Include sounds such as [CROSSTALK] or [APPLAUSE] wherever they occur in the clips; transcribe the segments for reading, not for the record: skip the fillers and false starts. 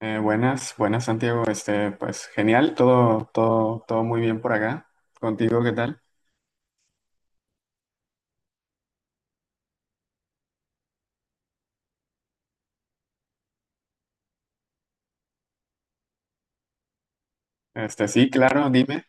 Buenas Santiago, pues genial, todo muy bien por acá. Contigo, ¿qué tal? Sí, claro, dime.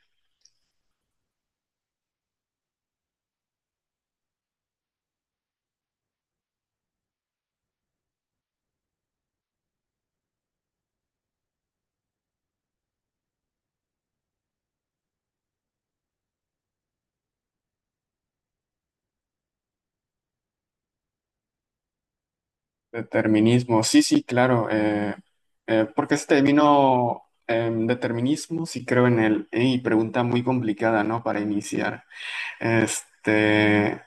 Determinismo, sí, sí, claro. ¿Por qué se te vino determinismo? Sí, creo en él. Y pregunta muy complicada, ¿no? Para iniciar. Este,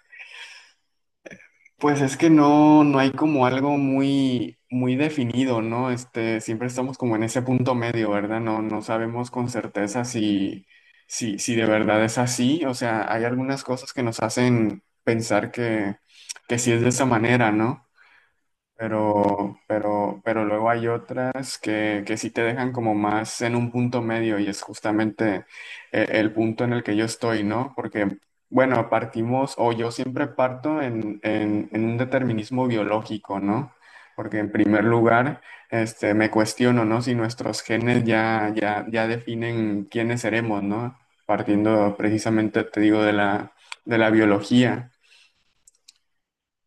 Pues es que no hay como algo muy, muy definido, ¿no? Siempre estamos como en ese punto medio, ¿verdad? No sabemos con certeza si de verdad es así. O sea, hay algunas cosas que nos hacen pensar que sí es de esa manera, ¿no? Pero luego hay otras que sí te dejan como más en un punto medio y es justamente el punto en el que yo estoy, ¿no? Porque bueno, partimos o yo siempre parto en un determinismo biológico, ¿no? Porque en primer lugar, me cuestiono, ¿no? Si nuestros genes ya definen quiénes seremos, ¿no? Partiendo precisamente, te digo, de la biología.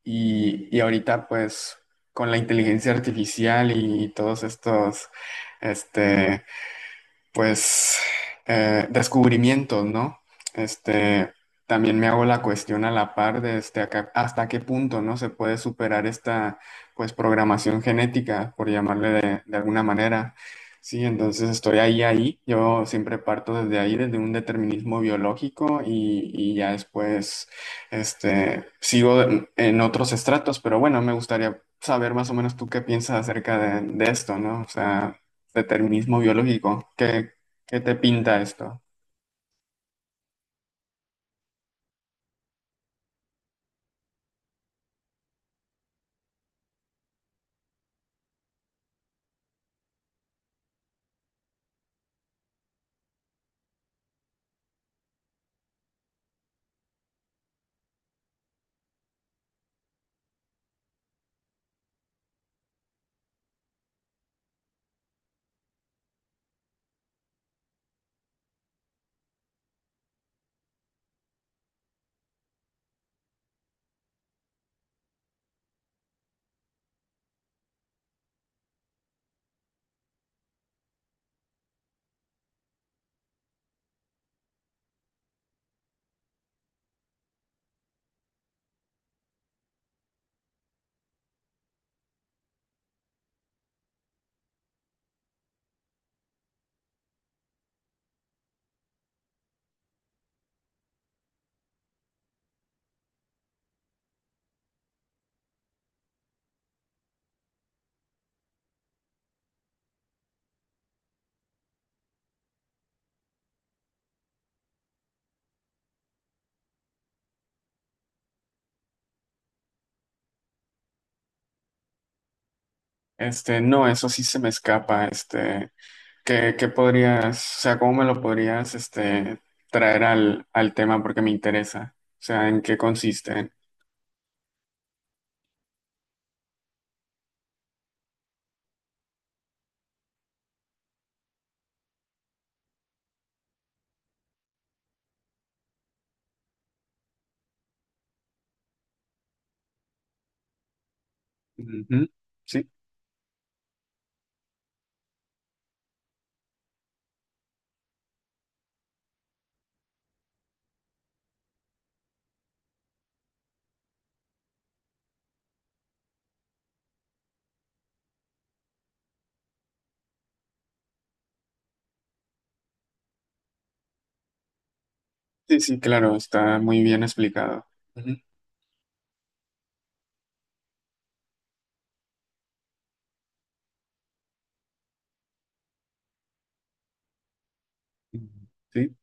Y ahorita, pues, con la inteligencia artificial y todos estos, este, pues descubrimientos, ¿no? Este, también me hago la cuestión a la par de hasta qué punto, ¿no? Se puede superar esta, pues, programación genética, por llamarle de alguna manera. Sí, entonces estoy ahí. Yo siempre parto desde ahí, desde un determinismo biológico y ya después, sigo en otros estratos, pero bueno, me gustaría saber más o menos tú qué piensas acerca de esto, ¿no? O sea, determinismo biológico. ¿ qué te pinta esto? No, eso sí se me escapa. ¿ Qué podrías, o sea, cómo me lo podrías, traer al tema porque me interesa? O sea, ¿en qué consiste? Ujú. Sí, sí, sí, claro, está muy bien explicado. Ujú. Ujú. Sí.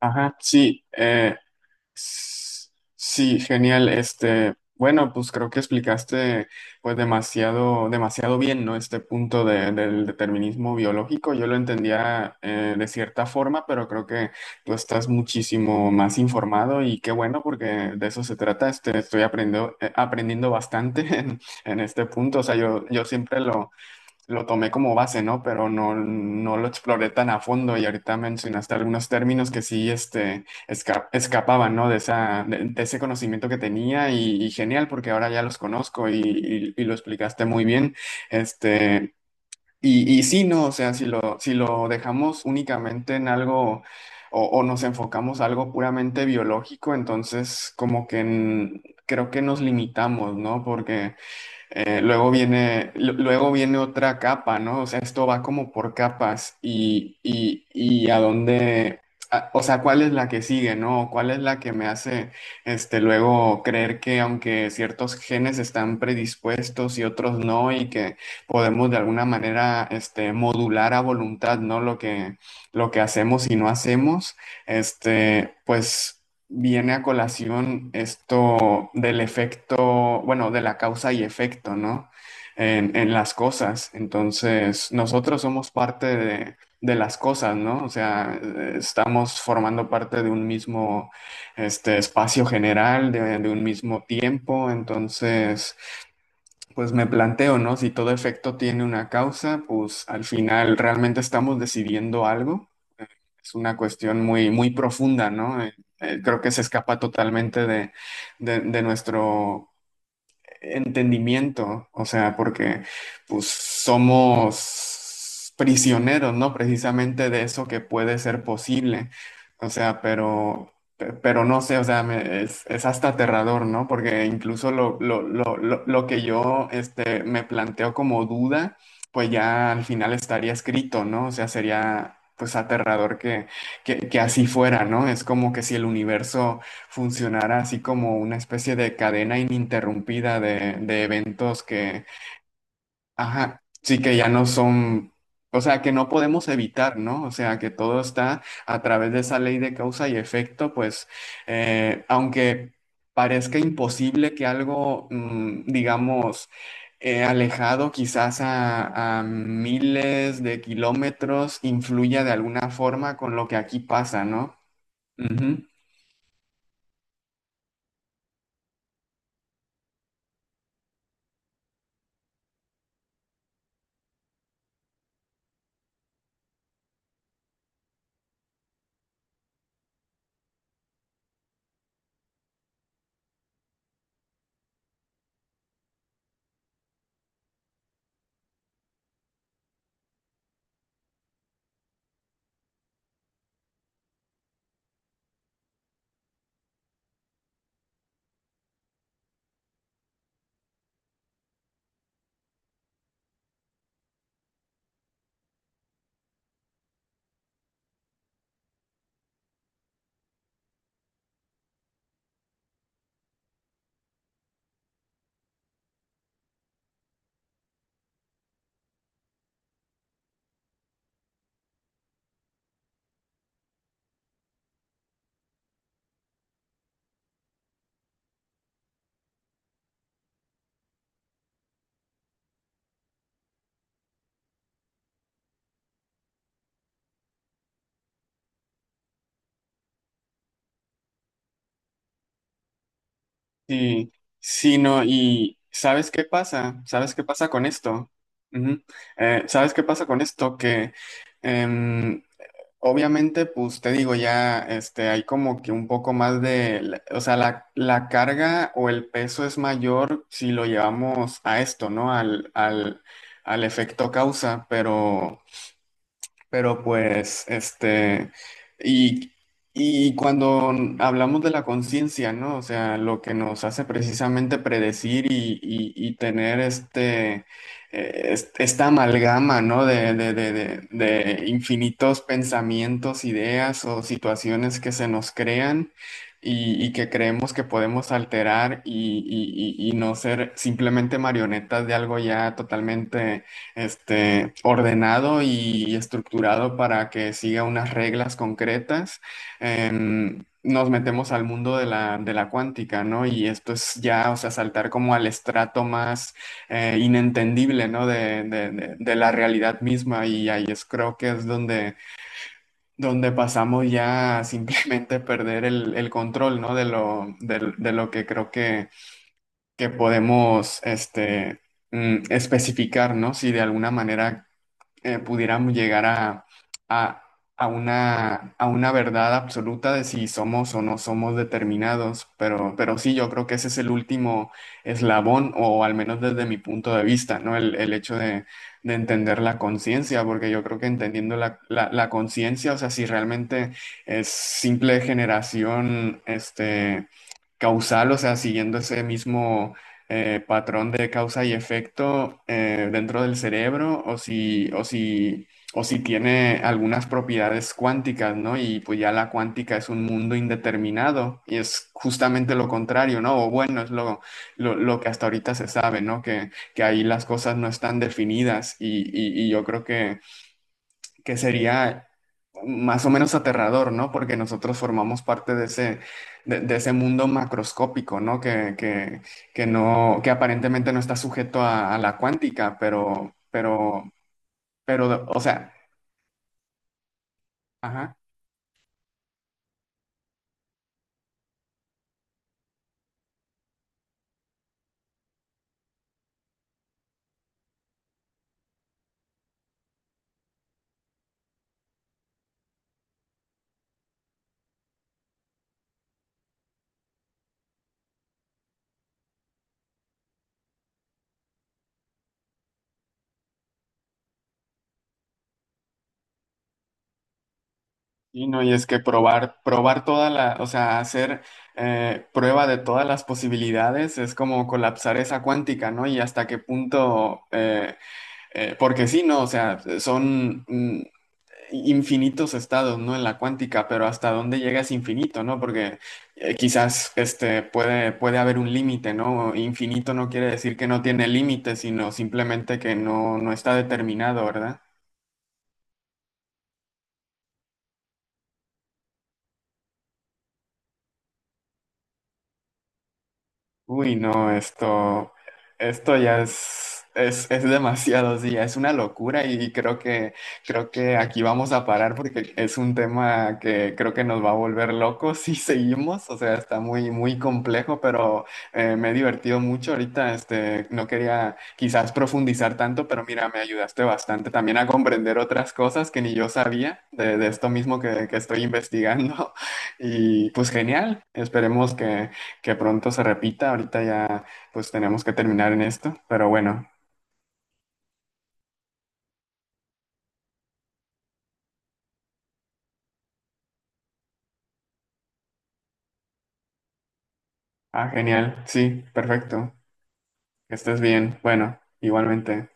Ajá, sí. S- Sí, genial. Bueno, pues creo que explicaste pues demasiado bien, ¿no? Este del determinismo biológico. Yo lo entendía de cierta forma, pero creo que tú estás muchísimo más informado y qué bueno, porque de eso se trata. Estoy aprendiendo, aprendiendo bastante [LAUGHS] en este punto. O sea, yo siempre lo tomé como base, ¿no? Pero no lo exploré tan a fondo y ahorita mencionaste algunos términos que sí escapaban, ¿no? De de ese conocimiento que tenía y genial porque ahora ya los conozco y lo explicaste muy bien. Este, y sí, ¿no? O sea, si lo dejamos únicamente en algo... O, o nos enfocamos a algo puramente biológico, entonces como que mm, creo que nos limitamos, ¿no? Porque luego viene otra capa, ¿no? O sea, esto va como por capas y a dónde, o sea, ¿cuál es la que sigue, ¿no? ¿Cuál es la que me hace, luego creer que aunque ciertos genes están predispuestos y otros no y que podemos de alguna manera, modular a voluntad, ¿no? Lo que hacemos y no hacemos, pues viene a colación esto del efecto bueno, de la causa y efecto, ¿no? En las cosas. Entonces, nosotros somos parte de las cosas, ¿no? O sea, estamos formando parte de un mismo espacio general, de un mismo tiempo. Entonces, pues me planteo, ¿no? Si todo efecto tiene una causa, pues al final realmente estamos decidiendo algo. Es una cuestión muy, muy profunda, ¿no? Creo que se escapa totalmente de nuestro entendimiento, o sea, porque pues somos prisioneros, ¿no? Precisamente de eso que puede ser posible, o sea, pero no sé, o sea, es hasta aterrador, ¿no? Porque incluso lo que yo me planteo como duda, pues ya al final estaría escrito, ¿no? O sea, sería pues aterrador que así fuera, ¿no? Es como que si el universo funcionara así como una especie de cadena ininterrumpida de eventos que, ajá, sí, que ya no son, o sea, que no podemos evitar, ¿no? O sea, que todo está a través de esa ley de causa y efecto, pues, aunque parezca imposible que algo, mm, digamos, alejado quizás a miles de kilómetros influya de alguna forma con lo que aquí pasa, ¿no? Ujú. Sí, sí, no, y ¿sabes qué pasa? ¿Sabes qué pasa con esto? Ujú. ¿Sabes qué pasa con esto? Que em, obviamente, pues te digo, ya hay como que un poco más de, o sea, la carga o el peso es mayor si lo llevamos a esto, ¿no? Al efecto causa, pero... Pero pues, y, y cuando hablamos de la conciencia, ¿no? O sea, lo que nos hace precisamente predecir y tener esta amalgama, ¿no? De infinitos pensamientos, ideas o situaciones que se nos crean y que creemos que podemos alterar y no ser simplemente marionetas de algo ya totalmente ordenado y estructurado para que siga unas reglas concretas, nos metemos al mundo de la cuántica, ¿no? Y esto es ya, o sea, saltar como al estrato más inentendible, ¿no? De la realidad misma y ahí es, creo que es donde, donde pasamos ya a simplemente [LAUGHS] perder el control, ¿no? De lo que creo que podemos, este... mm, especificar, ¿no? Si de alguna manera pudiéramos llegar a- a a una verdad absoluta de si somos o no somos determinados, pero sí, yo creo que ese es el último eslabón, o al menos desde mi punto de vista, ¿no? El hecho de entender la conciencia, porque yo creo que entendiendo la conciencia, o sea, si realmente es simple generación, este... causal, o sea, siguiendo ese mismo patrón de causa y efecto dentro del cerebro o si tiene algunas propiedades cuánticas, ¿no? Y pues ya la cuántica es un mundo indeterminado y es justamente lo contrario, ¿no? O bueno, es lo que hasta ahorita se sabe, ¿no? Que ahí las cosas no están definidas y yo creo que sería más o menos aterrador, ¿no? Porque nosotros formamos parte de ese, de ese mundo macroscópico, ¿no? Que no, que aparentemente no está sujeto a la cuántica, pero, o sea, ajá. Y no, y es que probar toda la, o sea, hacer prueba de todas las posibilidades es como colapsar esa cuántica, ¿no? Y hasta qué punto, porque sí, ¿no? O sea, son mm, infinitos estados, ¿no? En la cuántica, pero hasta dónde llega es infinito, ¿no? Porque quizás este puede, puede haber un límite, ¿no? Infinito no quiere decir que no tiene límite, sino simplemente que no está determinado, ¿verdad? Uy, no, esto ya es demasiado, sí, es una locura y creo que aquí vamos a parar porque es un tema que creo que nos va a volver locos si [LAUGHS] seguimos, o sea, está muy, muy complejo, pero me he divertido mucho ahorita, no quería quizás profundizar tanto, pero mira, me ayudaste bastante también a comprender otras cosas que ni yo sabía de esto mismo que estoy investigando [LAUGHS] y pues genial, esperemos que pronto se repita. Ahorita ya pues tenemos que terminar en esto, pero bueno. Ah, genial. Sí, perfecto. Que estés bien. Bueno, igualmente.